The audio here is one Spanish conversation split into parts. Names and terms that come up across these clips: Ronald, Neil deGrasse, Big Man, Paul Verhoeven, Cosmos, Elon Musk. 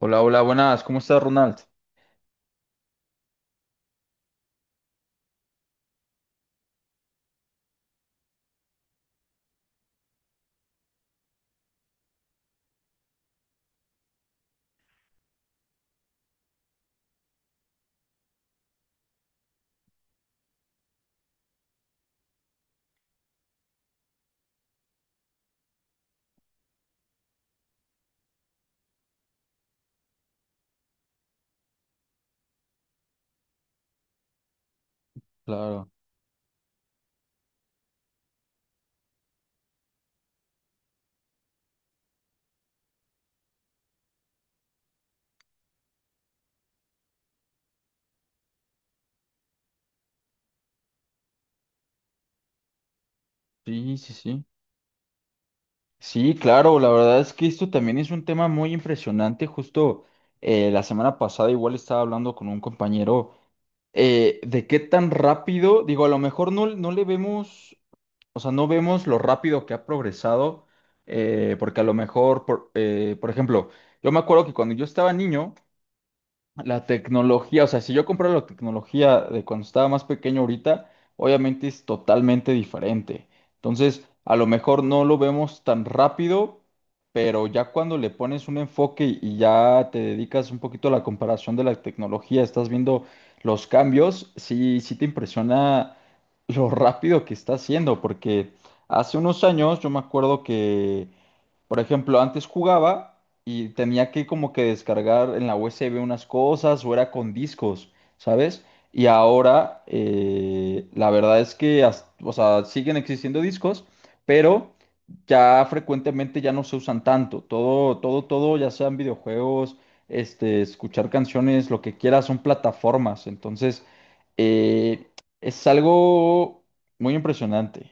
Hola, hola, buenas. ¿Cómo estás, Ronald? Claro. Sí, sí, sí. Sí, claro, la verdad es que esto también es un tema muy impresionante. Justo la semana pasada igual estaba hablando con un compañero de qué tan rápido, digo, a lo mejor no le vemos, o sea, no vemos lo rápido que ha progresado, porque a lo mejor, por ejemplo, yo me acuerdo que cuando yo estaba niño, la tecnología, o sea, si yo comprara la tecnología de cuando estaba más pequeño ahorita, obviamente es totalmente diferente. Entonces, a lo mejor no lo vemos tan rápido, pero ya cuando le pones un enfoque y ya te dedicas un poquito a la comparación de la tecnología, estás viendo los cambios, sí, sí te impresiona lo rápido que está haciendo, porque hace unos años yo me acuerdo que por ejemplo, antes jugaba y tenía que como que descargar en la USB unas cosas o era con discos, ¿sabes? Y ahora la verdad es que, o sea, siguen existiendo discos, pero ya frecuentemente ya no se usan tanto. Todo, todo, todo, ya sean videojuegos, este, escuchar canciones, lo que quieras, son plataformas. Entonces, eh, es algo muy impresionante.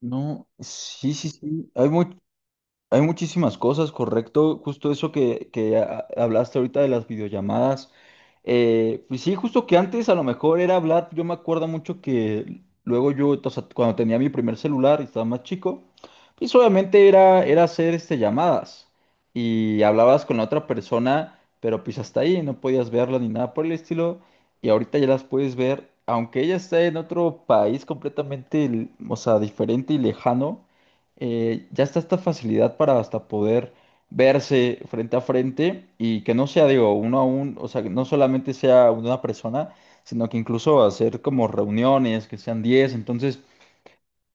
No, sí, sí, sí. Hay muchísimas cosas, correcto. Justo eso que hablaste ahorita de las videollamadas. Pues sí, justo que antes a lo mejor era hablar. Yo me acuerdo mucho que luego yo, o sea, cuando tenía mi primer celular y estaba más chico, pues obviamente era hacer este, llamadas. Y hablabas con la otra persona, pero pues hasta ahí no podías verla ni nada por el estilo. Y ahorita ya las puedes ver, aunque ella está en otro país completamente, o sea, diferente y lejano, ya está esta facilidad para hasta poder verse frente a frente y que no sea, digo, uno a uno, o sea, que no solamente sea una persona, sino que incluso hacer como reuniones, que sean diez. Entonces,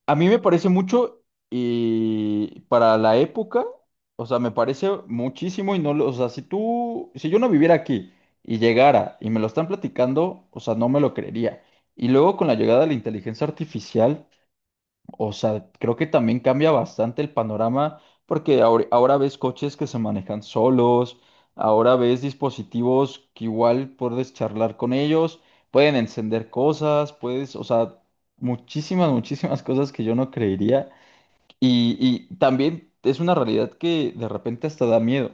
a mí me parece mucho y para la época, o sea, me parece muchísimo y no, o sea, si tú, si yo no viviera aquí y llegara y me lo están platicando, o sea, no me lo creería. Y luego con la llegada de la inteligencia artificial, o sea, creo que también cambia bastante el panorama porque ahora ves coches que se manejan solos, ahora ves dispositivos que igual puedes charlar con ellos, pueden encender cosas, puedes, o sea, muchísimas, muchísimas cosas que yo no creería. Y también es una realidad que de repente hasta da miedo,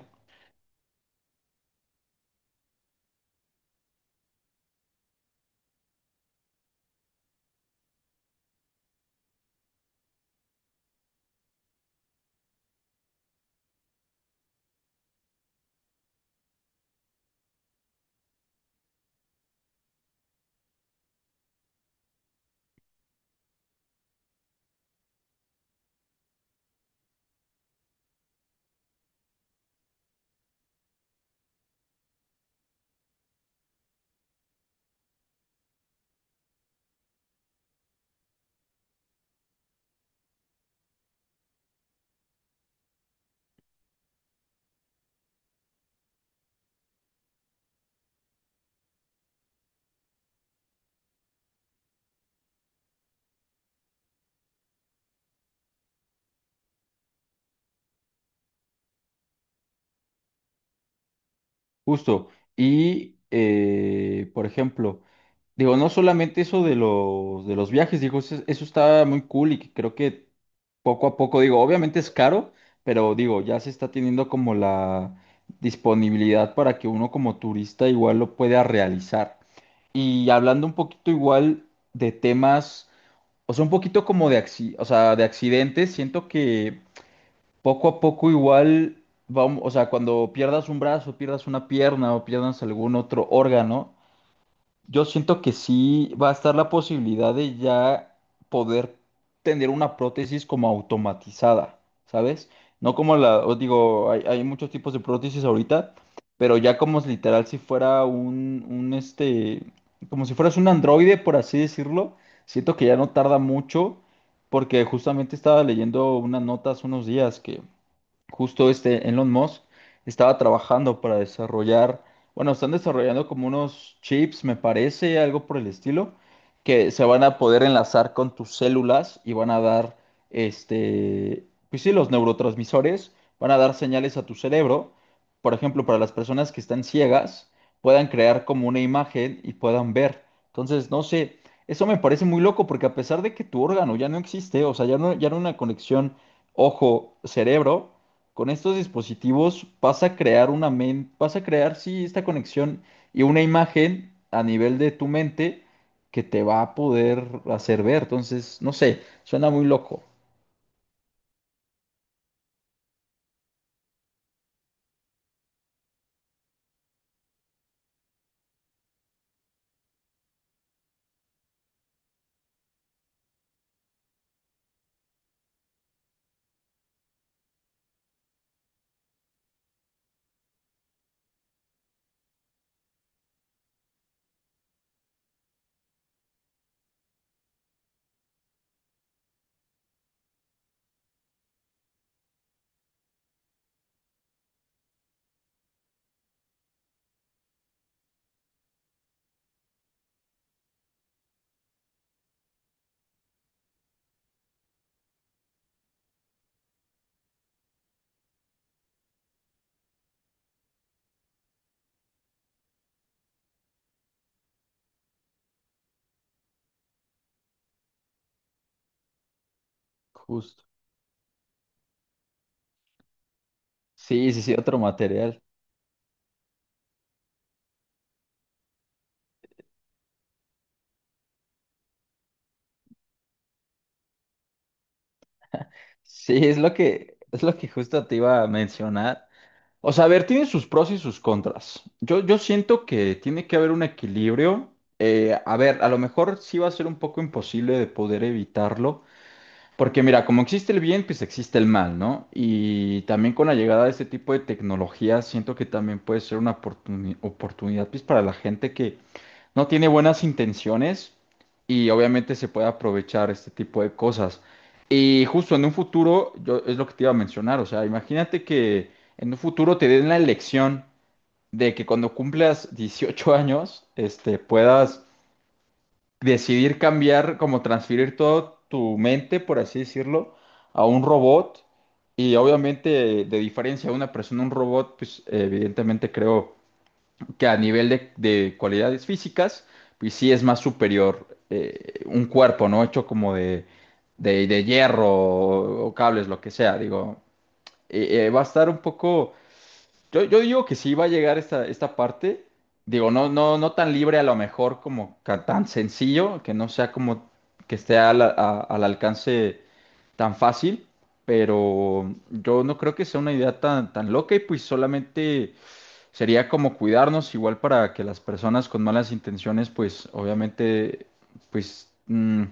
justo. Y por ejemplo, digo, no solamente eso de de los viajes, digo, eso está muy cool y que creo que poco a poco, digo, obviamente es caro, pero digo, ya se está teniendo como la disponibilidad para que uno como turista igual lo pueda realizar. Y hablando un poquito igual de temas, o sea, un poquito como de, o sea, de accidentes, siento que poco a poco igual, vamos, o sea, cuando pierdas un brazo, pierdas una pierna o pierdas algún otro órgano, yo siento que sí va a estar la posibilidad de ya poder tener una prótesis como automatizada, ¿sabes? No como la, os digo, hay muchos tipos de prótesis ahorita, pero ya como es literal si fuera un este, como si fueras un androide, por así decirlo, siento que ya no tarda mucho, porque justamente estaba leyendo unas notas unos días que justo este Elon Musk estaba trabajando para desarrollar, bueno, están desarrollando como unos chips, me parece, algo por el estilo, que se van a poder enlazar con tus células y van a dar, este, pues sí, los neurotransmisores, van a dar señales a tu cerebro. Por ejemplo, para las personas que están ciegas, puedan crear como una imagen y puedan ver. Entonces, no sé, eso me parece muy loco porque a pesar de que tu órgano ya no existe, o sea, ya no hay una conexión ojo-cerebro, con estos dispositivos vas a crear sí esta conexión y una imagen a nivel de tu mente que te va a poder hacer ver. Entonces, no sé, suena muy loco. Justo. Sí, sí, sí, otro material. Sí, es lo que justo te iba a mencionar. O sea, a ver, tiene sus pros y sus contras. Yo siento que tiene que haber un equilibrio. A ver, a lo mejor sí va a ser un poco imposible de poder evitarlo. Porque mira, como existe el bien, pues existe el mal, ¿no? Y también con la llegada de este tipo de tecnología, siento que también puede ser una oportunidad pues, para la gente que no tiene buenas intenciones y obviamente se puede aprovechar este tipo de cosas. Y justo en un futuro, yo es lo que te iba a mencionar, o sea, imagínate que en un futuro te den la elección de que cuando cumplas 18 años, este, puedas decidir cambiar, como transferir toda tu mente, por así decirlo, a un robot. Y obviamente, de diferencia de una persona a un robot, pues evidentemente creo que a nivel de cualidades físicas, pues sí es más superior, un cuerpo, ¿no? Hecho como de hierro o cables, lo que sea. Digo, va a estar un poco, yo digo que sí va a llegar esta parte. Digo, no tan libre a lo mejor como tan sencillo, que no sea como que esté al alcance tan fácil, pero yo no creo que sea una idea tan loca y pues solamente sería como cuidarnos igual para que las personas con malas intenciones pues obviamente pues mm,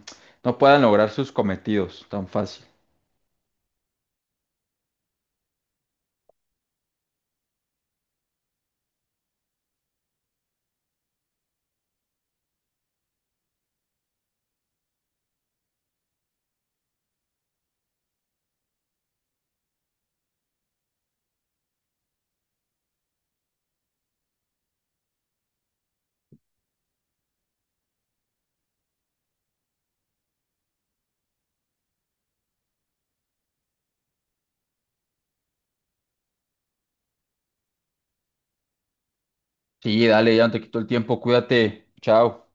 no puedan lograr sus cometidos tan fácil. Sí, dale, ya no te quito el tiempo, cuídate, chao.